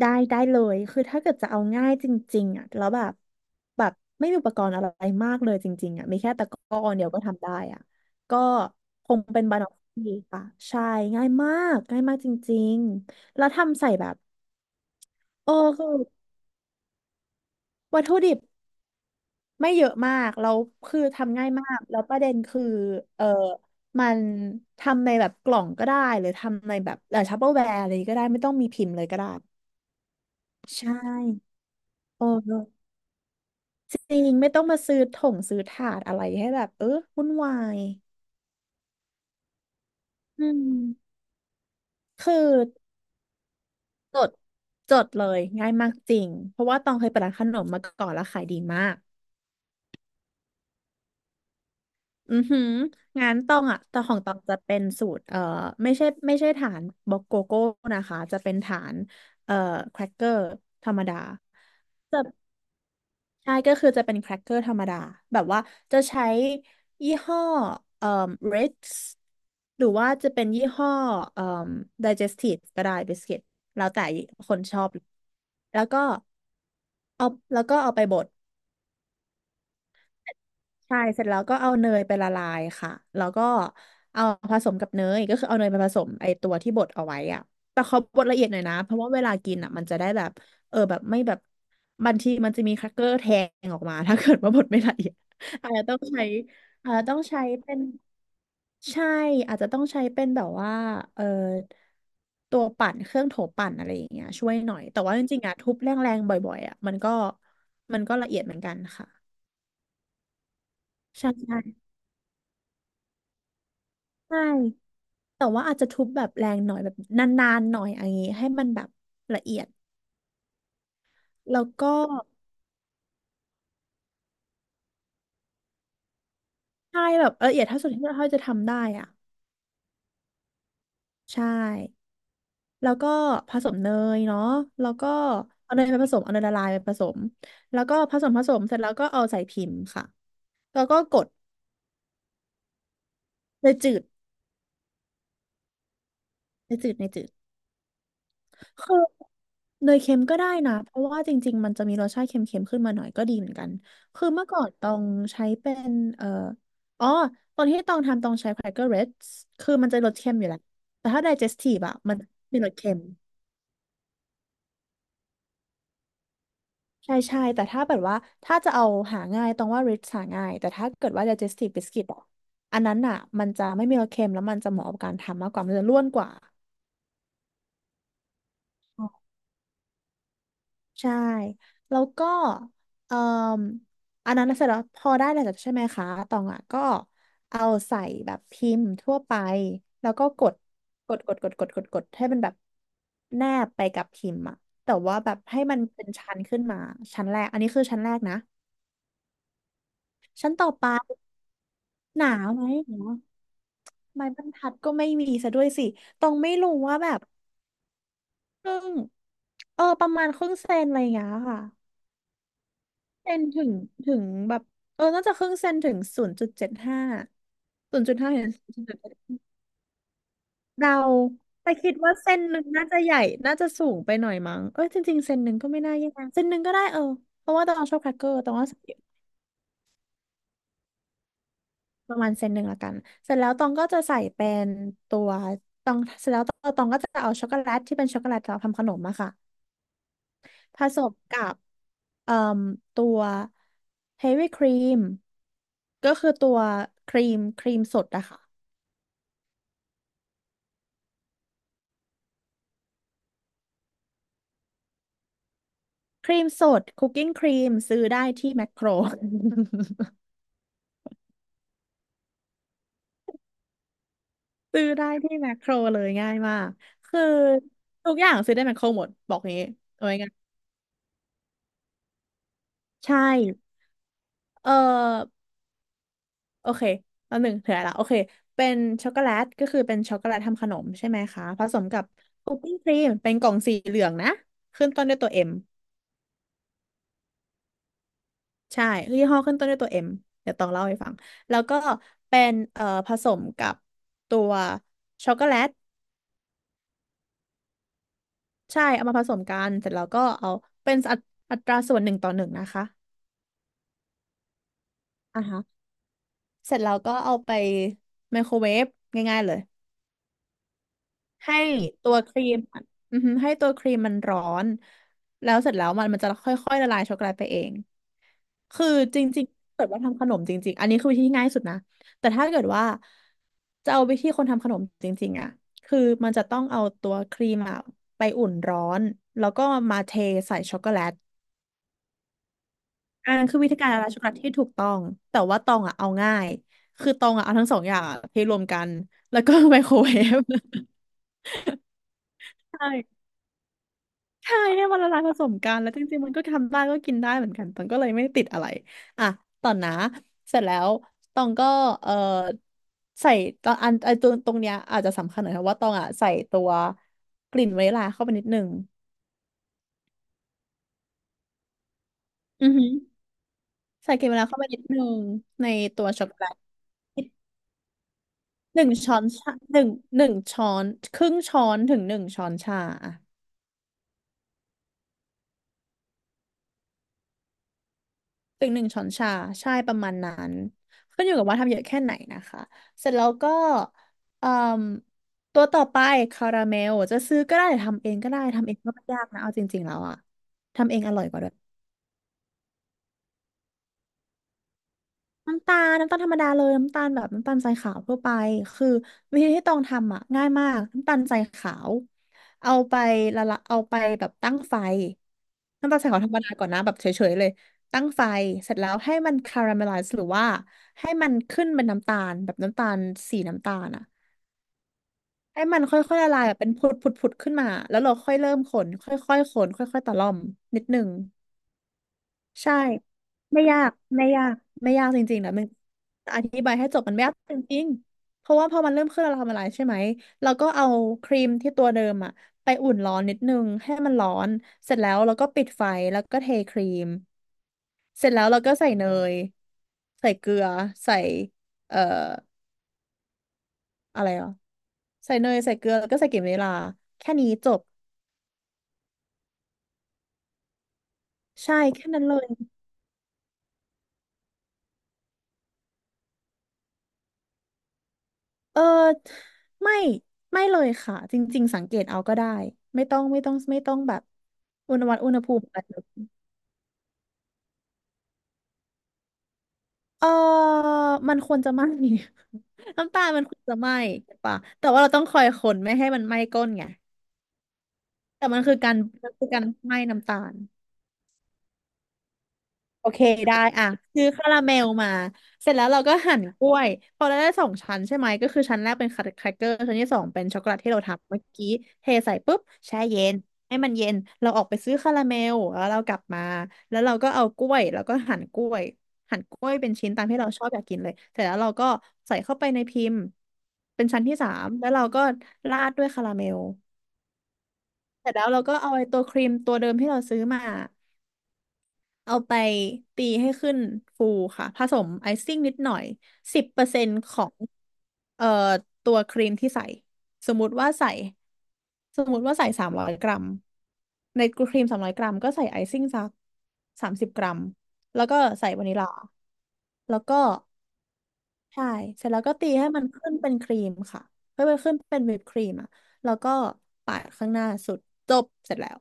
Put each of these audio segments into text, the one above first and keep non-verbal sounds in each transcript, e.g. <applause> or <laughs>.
ได้ได้เลยคือถ้าเกิดจะเอาง่ายจริงๆอ่ะแล้วแบบไม่มีอุปกรณ์อะไรมากเลยจริงๆอ่ะมีแค่ตะกร้อเดียวก็ทำได้อ่ะก็คงเป็นบานอฟฟี่ค่ะใช่ง่ายมากง่ายมากจริงๆแล้วทำใส่แบบโอ้คือวัตถุดิบไม่เยอะมากแล้วคือทำง่ายมากแล้วประเด็นคือเออมันทำในแบบกล่องก็ได้หรือทำในแบบทัปเปอร์แวร์อะไรก็ได้ไม่ต้องมีพิมพ์เลยก็ได้ใช่โอ้ จริงไม่ต้องมาซื้อถงซื้อถาดอะไรให้แบบวุ่นวายอืมคือจดจดเลยง่ายมากจริงเพราะว่าตองเคยเปิดร้านขนมมาก่อนแล้วขายดีมากอือหืองานตองอ่ะแต่ของตองจะเป็นสูตรไม่ใช่ไม่ใช่ฐานบล็อกโกโก้นะคะจะเป็นฐานเอ่อแครกเกอร์ธรรมดา ใช่ก็คือจะเป็นแครกเกอร์ธรรมดาแบบว่าจะใช้ยี่ห้อเอ่อ Ritz หรือว่าจะเป็นยี่ห้อเอ่อ Digestive ก็ได้บิสกิตแล้วแต่คนชอบแล้วก็เอาแล้วก็เอาไปบด ใช่เสร็จแล้วก็เอาเนยไปละลายค่ะแล้วก็เอาผสมกับเนยก็คือเอาเนยไปผสมไอตัวที่บดเอาไว้อะแต่เขาบดละเอียดหน่อยนะเพราะว่าเวลากินอ่ะมันจะได้แบบแบบไม่แบบบางทีมันจะมีครักเกอร์แทงออกมา <laughs> ถ้าเกิดว่าบดไม่ละเอียดอาจจะต้องใช้อาจจะต้องใช้เป็นใช่อาจจะต้องใช้เป็นแบบว่าเออตัวปั่นเครื่องโถปั่นอะไรอย่างเงี้ยช่วยหน่อยแต่ว่าจริงๆอ่ะทุบแรงๆบ่อยๆอ่ะมันก็ละเอียดเหมือนกันค่ะใช่ใช่ใช่ แต่ว่าอาจจะทุบแบบแรงหน่อยแบบนานๆหน่อยอย่างงี้ให้มันแบบละเอียดแล้วก็ใช่แบบละเอียดเท่าสุดที่เราจะทำได้อ่ะใช่แล้วก็ผสมเนยเนาะแล้วก็เอาเนยไปผสมเอาเนยละลายไปผสมแล้วก็ผสมเสร็จแล้วก็เอาใส่พิมพ์ค่ะแล้วก็กดในจืดในจืดในจืด คือเนยเค็มก็ได้นะเพราะว่าจริงๆมันจะมีรสชาติเค็มๆขึ้นมาหน่อยก็ดีเหมือนกันคือเมื่อก่อนต้องใช้เป็นอ๋อตอนที่ต้องทำต้องใช้ Cracker Reds คือมันจะรสเค็มอยู่แล้วแต่ถ้า digestive อะมันมีรสเค็มใช่ใช่แต่ถ้าแบบว่าถ้าจะเอาหาง่ายต้องว่า Ritz หาง่ายแต่ถ้าเกิดว่า digestive biscuit อะอันนั้นอะมันจะไม่มีรสเค็มแล้วมันจะเหมาะกับการทำมากกว่ามันจะร่วนกว่า ใช่แล้วก็เอ่ออันนั้นเสร็จแล้วพอได้แล้วใช่ไหมคะตองอ่ะก็เอาใส่แบบพิมพ์ทั่วไปแล้วก็กดให้มันแบบแนบไปกับพิมพ์อ่ะแต่ว่าแบบให้มันเป็นชั้นขึ้นมาชั้นแรกอันนี้คือชั้นแรกนะชั้นต่อไปหนาไหมหนาไม้บรรทัดก็ไม่มีซะด้วยสิตองไม่รู้ว่าแบบครึ่งประมาณครึ่งเซนอะไรอย่างเงี้ยค่ะ เซนถึงถึงแบบน่าจะครึ่งเซนถึง0.750.5เห็นเราแต่คิดว่าเส้นหนึ่งน่าจะใหญ่น่าจะสูงไปหน่อยมั้งเอ้ยจริงๆเส้นหนึ่งก็ไม่น่าแย่เส้นหนึ่งก็ได้เออเพราะว่าตองชอบแครกเกอร์ตองก็ใส่ประมาณเส้นหนึ่งละกันเสร็จแล้วตองก็จะใส่เป็นตัวตองเสร็จแล้วตองก็จะเอาช็อกโกแลตที่เป็นช็อกโกแลตเราทำขนมอะค่ะผสมกับเอ่มตัวเฮฟวี่ครีมก็คือตัวครีมครีมสดอะค่ะ ครีมสดคุกกิ้งครีมซื้อได้ที่แมคโคร <laughs> ซื้อได้ที่แมคโครเลยง่ายมากคือทุกอย่างซื้อได้แมคโครหมดบอกงี้เอาไว้ง่ายใช่เออโอเคตอนหนึ่งเถื่อละโอเคเป็นช็อกโกแลตก็คือเป็นช็อกโกแลตทำขนมใช่ไหมคะผสมกับคุกกิ้งครีมเป็นกล่องสีเหลืองนะขึ้นต้นด้วยตัวเอ็มใช่ยี่ห้อขึ้นต้นด้วยตัวเอ็มเดี๋ยวต้องเล่าให้ฟังแล้วก็เป็นผสมกับตัวช็อกโกแลต ใช่เอามาผสมกันเสร็จแล้วก็เอาเป็นอัตราส่วนหนึ่งต่อหนึ่งนะคะอ่าฮะเสร็จแล้วก็เอาไปไมโครเวฟง่ายๆเลยให้ตัวครีมอือฮึให้ตัวครีมมันร้อนแล้วเสร็จแล้วมันจะค่อยๆละลายช็อกโกแลตไปเองคือจริงๆเกิดว่าทำขนมจริงๆอันนี้คือวิธีที่ง่ายสุดนะแต่ถ้าเกิดว่าจะเอาวิธีคนทำขนมจริงๆอ่ะคือมันจะต้องเอาตัวครีมอะไปอุ่นร้อนแล้วก็มาเทใส่ช็อกโกแลต อันนั้นคือวิธีการละลายช็อกโกแลตที่ถูกต้องแต่ว่าตองอ่ะเอาง่ายคือตองอ่ะเอาทั้งสองอย่างอะเทรวมกันแล้วก็ไมโครเวฟใช่ใช่ให้มันละลายผสมกันแล้วจริงๆมันก็ทำได้ก็กินได้เหมือนกันตองก็เลยไม่ได้ติดอะไรอ่ะต่อนะเสร็จแล้วตองก็เออใส่ตอนอันไอตัวตรงเนี้ยอาจจะสำคัญหน่อยเพราะว่าตองอ่ะใส่ตัวกลิ่นวานิลลาเข้าไปนิดนึงอือหือใส่กลิ่นวานิลลาเข้าไปนิดนึงในตัวช็อกโกแลต หนึ่งช้อนชาหนึ่งหนึ่งช้อนครึ่งช้อนถึงหนึ่งช้อนชาอะถึงหนึ่งช้อนชาใช่ประมาณนั้นขึ้นอยู่กับว่าทำเยอะแค่ไหนนะคะเสร็จแล้วก็เอ่มตัวต่อไปคาราเมลจะซื้อก็ได้หรือทำเองก็ได้ทำเองก็ไม่ยากนะเอาจริงๆแล้วอะทำเองอร่อยกว่าด้วย น้ำตาลน้ำตาลธรรมดาเลยน้ำตาลแบบน้ำตาลทรายขาวทั่วไปคือวิธีที่ต้องทำอ่ะง่ายมากน้ำตาลทรายขาวเอาไปละละเอาไปแบบตั้งไฟน้ำตาลทรายขาวธรรมดาก่อนนะแบบเฉยๆเลยตั้งไฟเสร็จแล้วให้มันคาราเมลไลซ์หรือว่าให้มันขึ้นเป็นน้ำตาลแบบน้ำตาลสีน้ำตาลอ่ะให้มันค่อยๆละลายแบบเป็นผุดๆๆขึ้นมาแล้วเราค่อยเริ่มคนค่อยๆคนค่อยๆตะล่อมนิดนึง ใช่ไม่ยากไม่ยากไม่ยากจริงๆนะมันอธิบายให้จบมันไม่ยากจริงๆเพราะว่าพอมันเริ่มขึ้นเราทำอะไรใช่ไหมเราก็เอาครีมที่ตัวเดิมอะไปอุ่นร้อนนิดนึงให้มันร้อนเสร็จแล้วเราก็ปิดไฟแล้วก็เทครีมเสร็จแล้วเราก็ใส่เนยใส่เกลือใส่เอ่ออะไรอ่ะใส่เนยใส่เกลือแล้วก็ใส่กลิ่นวานิลลาแค่นี้จบใช่แค่นั้นเลย เออไม่ไม่เลยค่ะจริงๆสังเกตเอาก็ได้ไม่ต้องไม่ต้องไม่ต้องแบบอุณหภูมิอะไรแบบเออมันควรจะไหม้ <laughs> น้ำตาลมันควรจะไหม้ใช่ปะแต่ว่าเราต้องคอยคนไม่ให้มันไหม้ก้นไงแต่มันคือการมันคือการไหม้น้ำตาล โอเคได้อ่ะซื้อคาราเมลมาเสร็จแล้วเราก็หั่นกล้วยพอเราได้สองชั้นใช่ไหมก็คือชั้นแรกเป็นแครกเกอร์ชั้นที่สองเป็นช็อกโกแลตที่เราทำเมื่อกี้เทใส่ปุ๊บแช่เย็นให้มันเย็นเราออกไปซื้อคาราเมลแล้วเรากลับมาแล้วเราก็เอากล้วยแล้วก็หั่นกล้วยหั่นกล้วยเป็นชิ้นตามที่เราชอบอยากกินเลยเสร็จแล้วเราก็ใส่เข้าไปในพิมพ์เป็นชั้นที่สามแล้วเราก็ราดด้วยคาราเมลเสร็จแล้วเราก็เอาไอ้ตัวครีมตัวเดิมที่เราซื้อมา เอาไปตีให้ขึ้นฟูค่ะผสมไอซิ่งนิดหน่อย10%ของเอ่อตัวครีมที่ใส่สมมติว่าใส่สมมติว่าใส่สามร้อยกรัมในครีมสามร้อยกรัมก็ใส่ไอซิ่งสัก30 กรัมแล้วก็ใส่วานิลลาแล้วก็ใช่เสร็จแล้วก็ตีให้มันขึ้นเป็นครีมค่ะเพื่อไปขึ้นเป็นวิปครีมอ่ะแล้วก็ปาดข้างหน้าสุดจบเสร็จแล้ว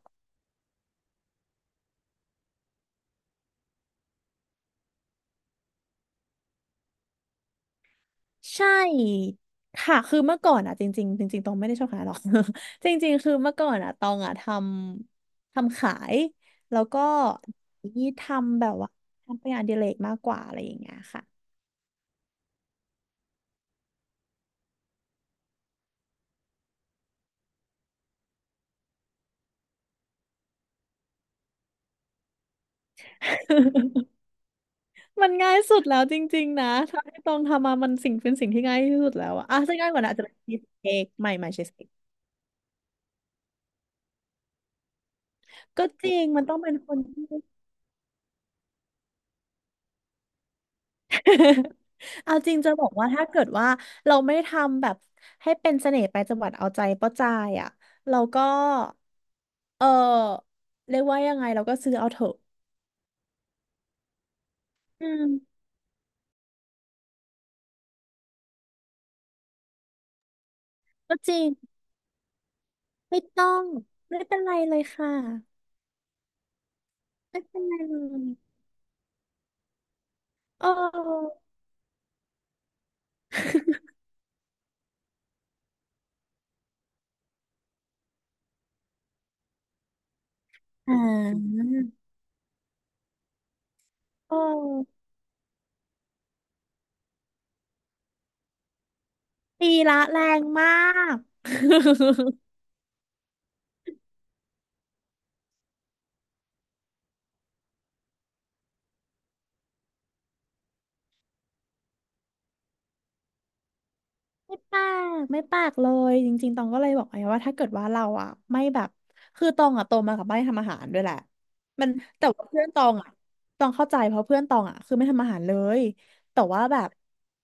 ใช่ค่ะคือเมื่อก่อนอ่ะจริงๆจริงๆตองไม่ได้ชอบขายหรอก <laughs> จริงๆคือเมื่อก่อนอ่ะตองอ่ะทำขายแล้วก็นี่ทำแบบว่าทำเป็นงานอดิเรกมากกว่าอะไรอย่างเงี้ยค่ะ <laughs> มันง่ายสุดแล้วจริงๆนะถ้าให้ตองทำมามันสิ่งเป็นสิ่งที่ง่ายที่สุดแล้วอะอ่ะจะง่ายกว่านะอาจจะเป็นชีสเค้กใหม่ใหม่ชีสเค้กก็จริงมันต้องเป็นคนที่ <laughs> เอาจริงจะบอกว่าถ้าเกิดว่าเราไม่ทำแบบให้เป็นเสน่ห์ไปจังหวัดเอาใจป้าจายอ่ะเราก็เออเรียกว่ายังไงเราก็ซื้อเอาเถอะอืมก็จริงไม่ต้องไม่เป็นไรเลยค่ะไม่เป็นไรเลยเออ <laughs> อ่าเออตีละแรงมาก <laughs> ไม่ปากไม่ปากเลยจริงๆตองก็เลยบอกไอ้ว่าถ้าเกิดว่าเราอ่ะไม่แบบคือตองอ่ะโตมากับไม่ทำอาหารด้วยแหละมันแต่ว่าเพื่อนตองอ่ะตองเข้าใจเพราะเพื่อนตองอ่ะคือไม่ทำอาหารเลยแต่ว่าแบบ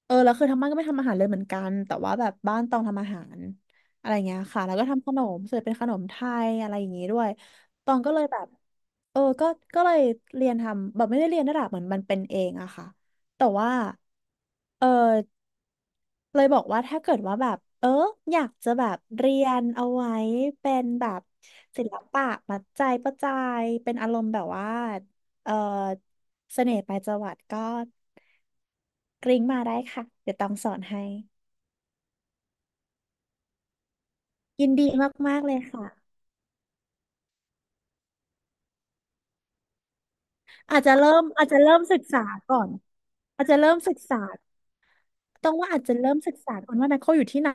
เออแล้วคือทั้งบ้านก็ไม่ทำอาหารเลยเหมือนกันแต่ว่าแบบบ้านตองทำอาหารอะไรเงี้ยค่ะแล้วก็ทำขนมเสร็จเป็นขนมไทยอะไรอย่างงี้ด้วยตองก็เลยแบบเออก็ก็เลยเรียนทำแบบไม่ได้เรียนระดับเหมือนมันเป็นเองอะค่ะแต่ว่าเออ เลยบอกว่าถ้าเกิดว่าแบบเอออยากจะแบบเรียนเอาไว้เป็นแบบศิลปะมัดใจประจายเป็นอารมณ์แบบว่าเออเสน่ห์ปลายจวักก็กริ้งมาได้ค่ะเดี๋ยวต้องสอนให้ยินดีมากๆเลยค่ะอาจจะเริ่มศึกษาก่อนอาจจะเริ่มศึกษาต้องว่าอาจจะเริ่มศึกษาก่อนว่าไมโครอยู่ที่ไหน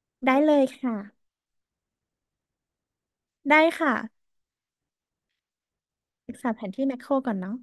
<laughs> ได้เลยค่ะได้ค่ะศึกษาแผนที่แมคโครก่อนเนาะ